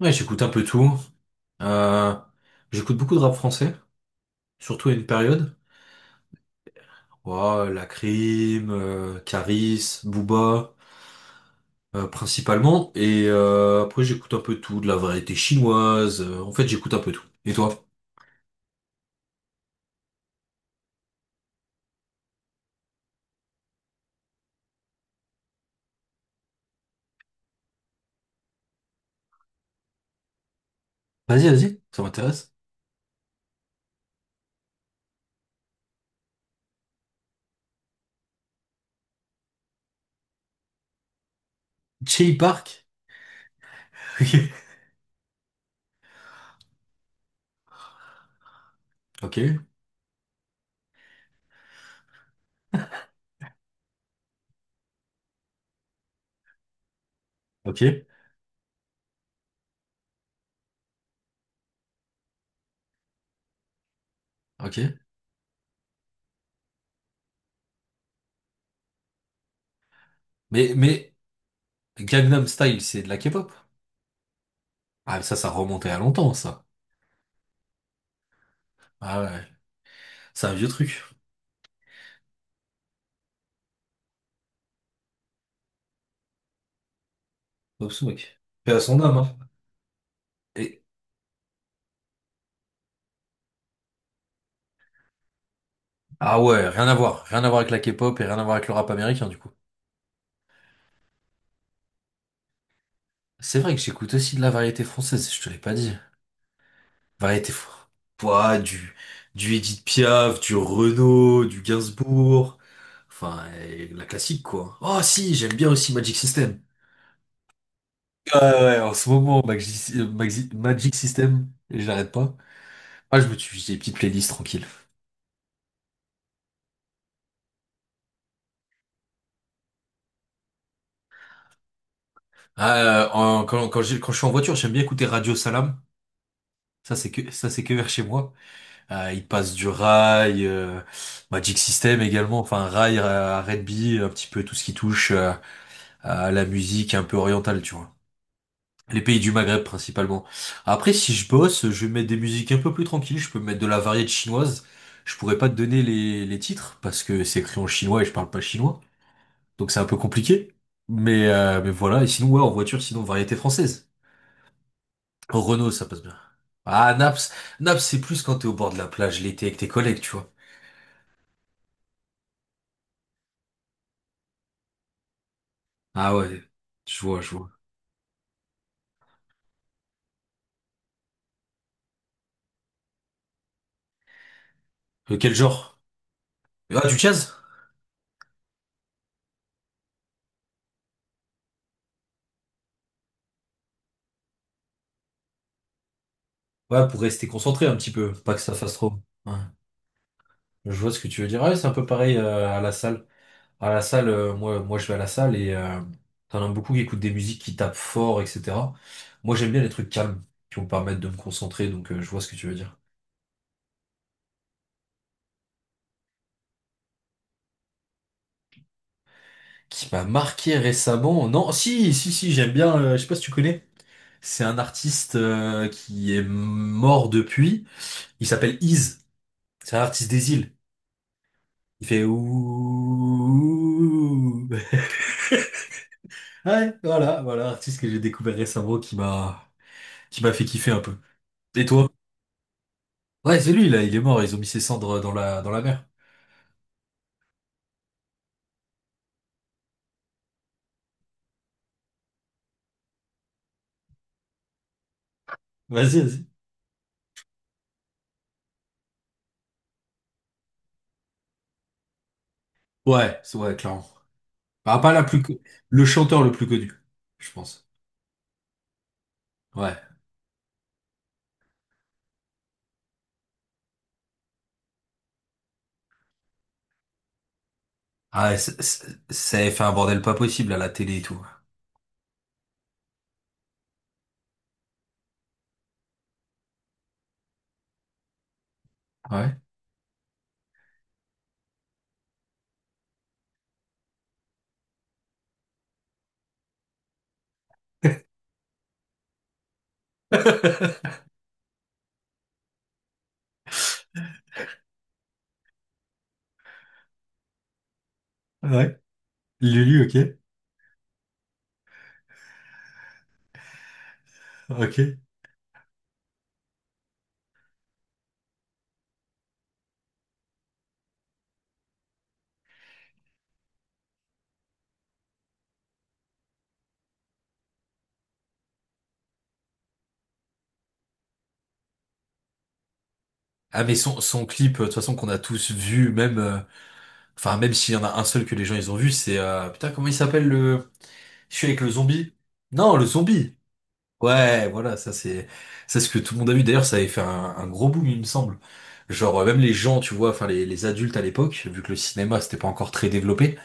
Ouais, j'écoute un peu tout. Euh, j'écoute beaucoup de rap français, surtout à une période. Ouais, Lacrim, Karis, Booba, principalement. Et après, j'écoute un peu de tout, de la variété chinoise. En fait, j'écoute un peu tout. Et toi? Vas-y, vas-y, ça m'intéresse. Jay Park? Ok, ok, ok. Mais Gangnam Style, c'est de la K-pop? Ah, ça remontait à longtemps, ça. Ah ouais, c'est un vieux truc. Pop Smoke. Paix à son âme, hein. Et- Ah ouais, rien à voir. Rien à voir avec la K-pop et rien à voir avec le rap américain, du coup. C'est vrai que j'écoute aussi de la variété française, je te l'ai pas dit. Variété fr- Ouah, du Edith Piaf, du Renaud, du Gainsbourg. Enfin, la classique, quoi. Oh si, j'aime bien aussi Magic System. Ouais, ouais, en ce moment, Magic System, j'arrête pas. Ah, je me suis fait des petites playlists tranquilles. Ah, quand je suis en voiture, j'aime bien écouter Radio Salam. Ça, c'est que vers chez moi. Il passe du Rai, Magic System également, enfin Rai, R&B, un petit peu tout ce qui touche à la musique un peu orientale, tu vois. Les pays du Maghreb principalement. Après, si je bosse, je vais mettre des musiques un peu plus tranquilles, je peux mettre de la variété chinoise. Je pourrais pas te donner les titres parce que c'est écrit en chinois et je parle pas chinois, donc c'est un peu compliqué. Mais voilà, et sinon, ouais, en voiture, sinon, variété française. Au Renault, ça passe bien. Ah, Naps, Naps, c'est plus quand t'es au bord de la plage l'été avec tes collègues, tu vois. Ah ouais, je vois, je vois. Quel genre? Ah, du jazz? Ouais, pour rester concentré un petit peu, pas que ça fasse trop. Ouais. Je vois ce que tu veux dire. Ouais, c'est un peu pareil à la salle. À la salle, moi, je vais à la salle et t'en as beaucoup qui écoutent des musiques qui tapent fort, etc. Moi, j'aime bien les trucs calmes qui vont me permettre de me concentrer, donc je vois ce que tu veux dire. Qui m'a marqué récemment? Non, si, si, si, j'aime bien. Je sais pas si tu connais. C'est un artiste qui est mort depuis. Il s'appelle Ease. C'est un artiste des îles. Il fait ouh. Ouais, voilà, voilà, l'artiste que j'ai découvert récemment qui m'a fait kiffer un peu. Et toi? Ouais, c'est lui là, il est mort, ils ont mis ses cendres dans la mer. Vas-y, vas-y. Ouais, c'est ouais, clairement. Bah, pas la plus le chanteur le plus connu, je pense. Ouais. Ah, ouais, ça avait fait un bordel pas possible à la télé et tout. Ouais. Ouais. Lulu, ok. Ok. Ah mais son clip, de toute façon qu'on a tous vu, même. Enfin, même s'il y en a un seul que les gens ils ont vu, c'est putain comment il s'appelle le je suis avec le zombie? Non, le zombie. Ouais, voilà, ça c'est ce que tout le monde a vu. D'ailleurs, ça avait fait un gros boom, il me semble. Genre même les gens, tu vois, enfin les adultes à l'époque, vu que le cinéma c'était pas encore très développé,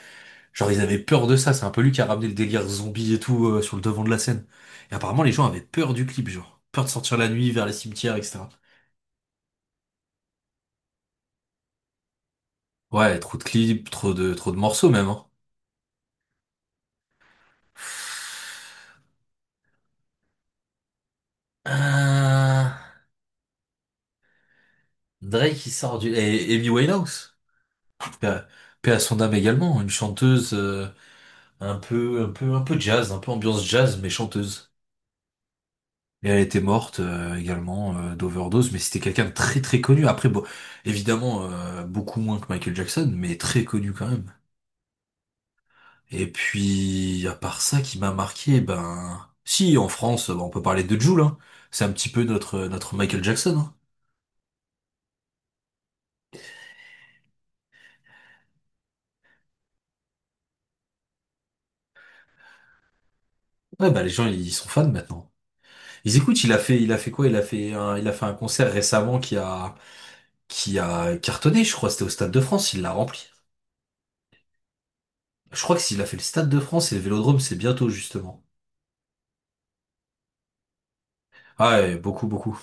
genre ils avaient peur de ça. C'est un peu lui qui a ramené le délire zombie et tout sur le devant de la scène. Et apparemment les gens avaient peur du clip, genre peur de sortir la nuit vers les cimetières, etc. Ouais, trop de clips, trop de morceaux même. Hein. Euh, Drake qui sort du... Et Amy Winehouse. Paix à, paix à son âme également. Une chanteuse un peu jazz, un peu ambiance jazz, mais chanteuse. Et elle était morte également d'overdose, mais c'était quelqu'un de très très connu. Après, bon, évidemment, beaucoup moins que Michael Jackson, mais très connu quand même. Et puis, à part ça qui m'a marqué, ben... Si, en France, ben on peut parler de Jul, hein. C'est un petit peu notre Michael Jackson, hein. Ouais, bah les gens, ils sont fans maintenant. Ils écoutent, il a fait quoi? Il a fait un concert récemment qui a cartonné, je crois. C'était au Stade de France, il l'a rempli. Je crois que s'il a fait le Stade de France et le Vélodrome, c'est bientôt, justement. Ah ouais, beaucoup, beaucoup.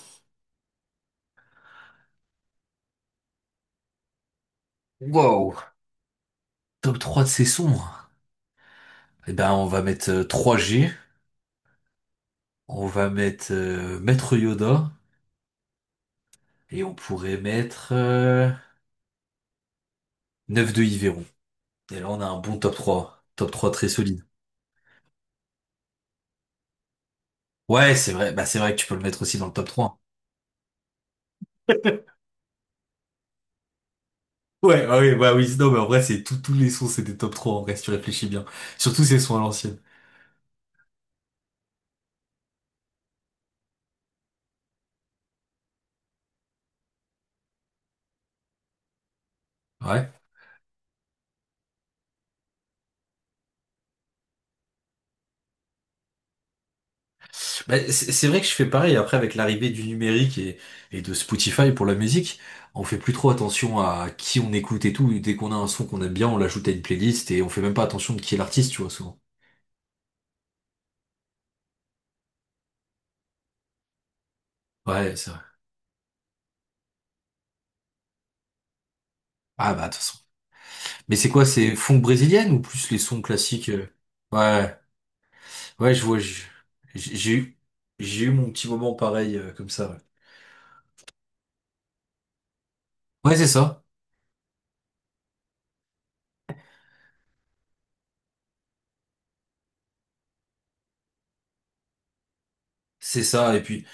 Wow. Top 3 de ses sons. Eh ben, on va mettre 3G. On va mettre Maître Yoda. Et on pourrait mettre 9 de Yveron. Et là, on a un bon top 3. Top 3 très solide. Ouais, c'est vrai. Bah, c'est vrai que tu peux le mettre aussi dans le top 3. Ouais, ah oui, bah oui, non, mais en vrai, c'est tous les sons, c'est des top 3 en vrai, si tu réfléchis bien. Surtout ces sons à l'ancienne. Ouais. Bah, c'est vrai que je fais pareil, après, avec l'arrivée du numérique et de Spotify pour la musique, on fait plus trop attention à qui on écoute et tout. Dès qu'on a un son qu'on aime bien, on l'ajoute à une playlist et on fait même pas attention de qui est l'artiste, tu vois, souvent. Ouais, c'est vrai. Ah bah, de toute façon. Mais c'est quoi, c'est funk brésilienne ou plus les sons classiques? Ouais, ouais, je vois, j'ai j'ai eu, j'ai eu mon petit moment pareil, comme ça, ouais. Ouais, c'est ça. C'est ça, et puis...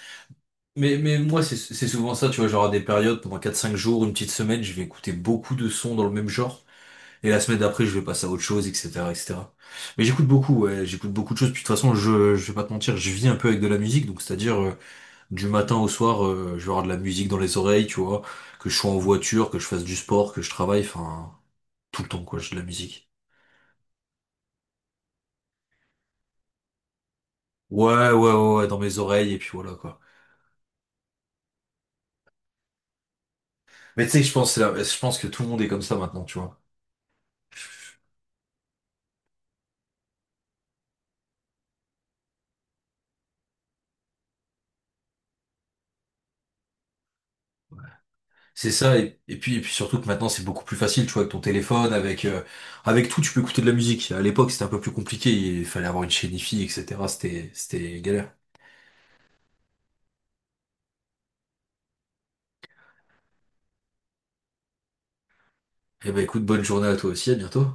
Mais moi, c'est souvent ça, tu vois, genre à des périodes, pendant quatre cinq jours, une petite semaine, je vais écouter beaucoup de sons dans le même genre, et la semaine d'après, je vais passer à autre chose, etc., etc. Mais j'écoute beaucoup, ouais, j'écoute beaucoup de choses, puis de toute façon, je vais pas te mentir, je vis un peu avec de la musique, donc c'est-à-dire, du matin au soir, je vais avoir de la musique dans les oreilles, tu vois, que je sois en voiture, que je fasse du sport, que je travaille, enfin, tout le temps, quoi, j'ai de la musique. Ouais, ouais, ouais, ouais, dans mes oreilles, et puis voilà, quoi. Mais tu sais, je pense que tout le monde est comme ça maintenant, tu vois. C'est ça, et puis surtout que maintenant c'est beaucoup plus facile, tu vois, avec ton téléphone, avec tout, tu peux écouter de la musique. À l'époque c'était un peu plus compliqué, il fallait avoir une chaîne hi etc. C'était galère. Eh ben écoute, bonne journée à toi aussi, à bientôt.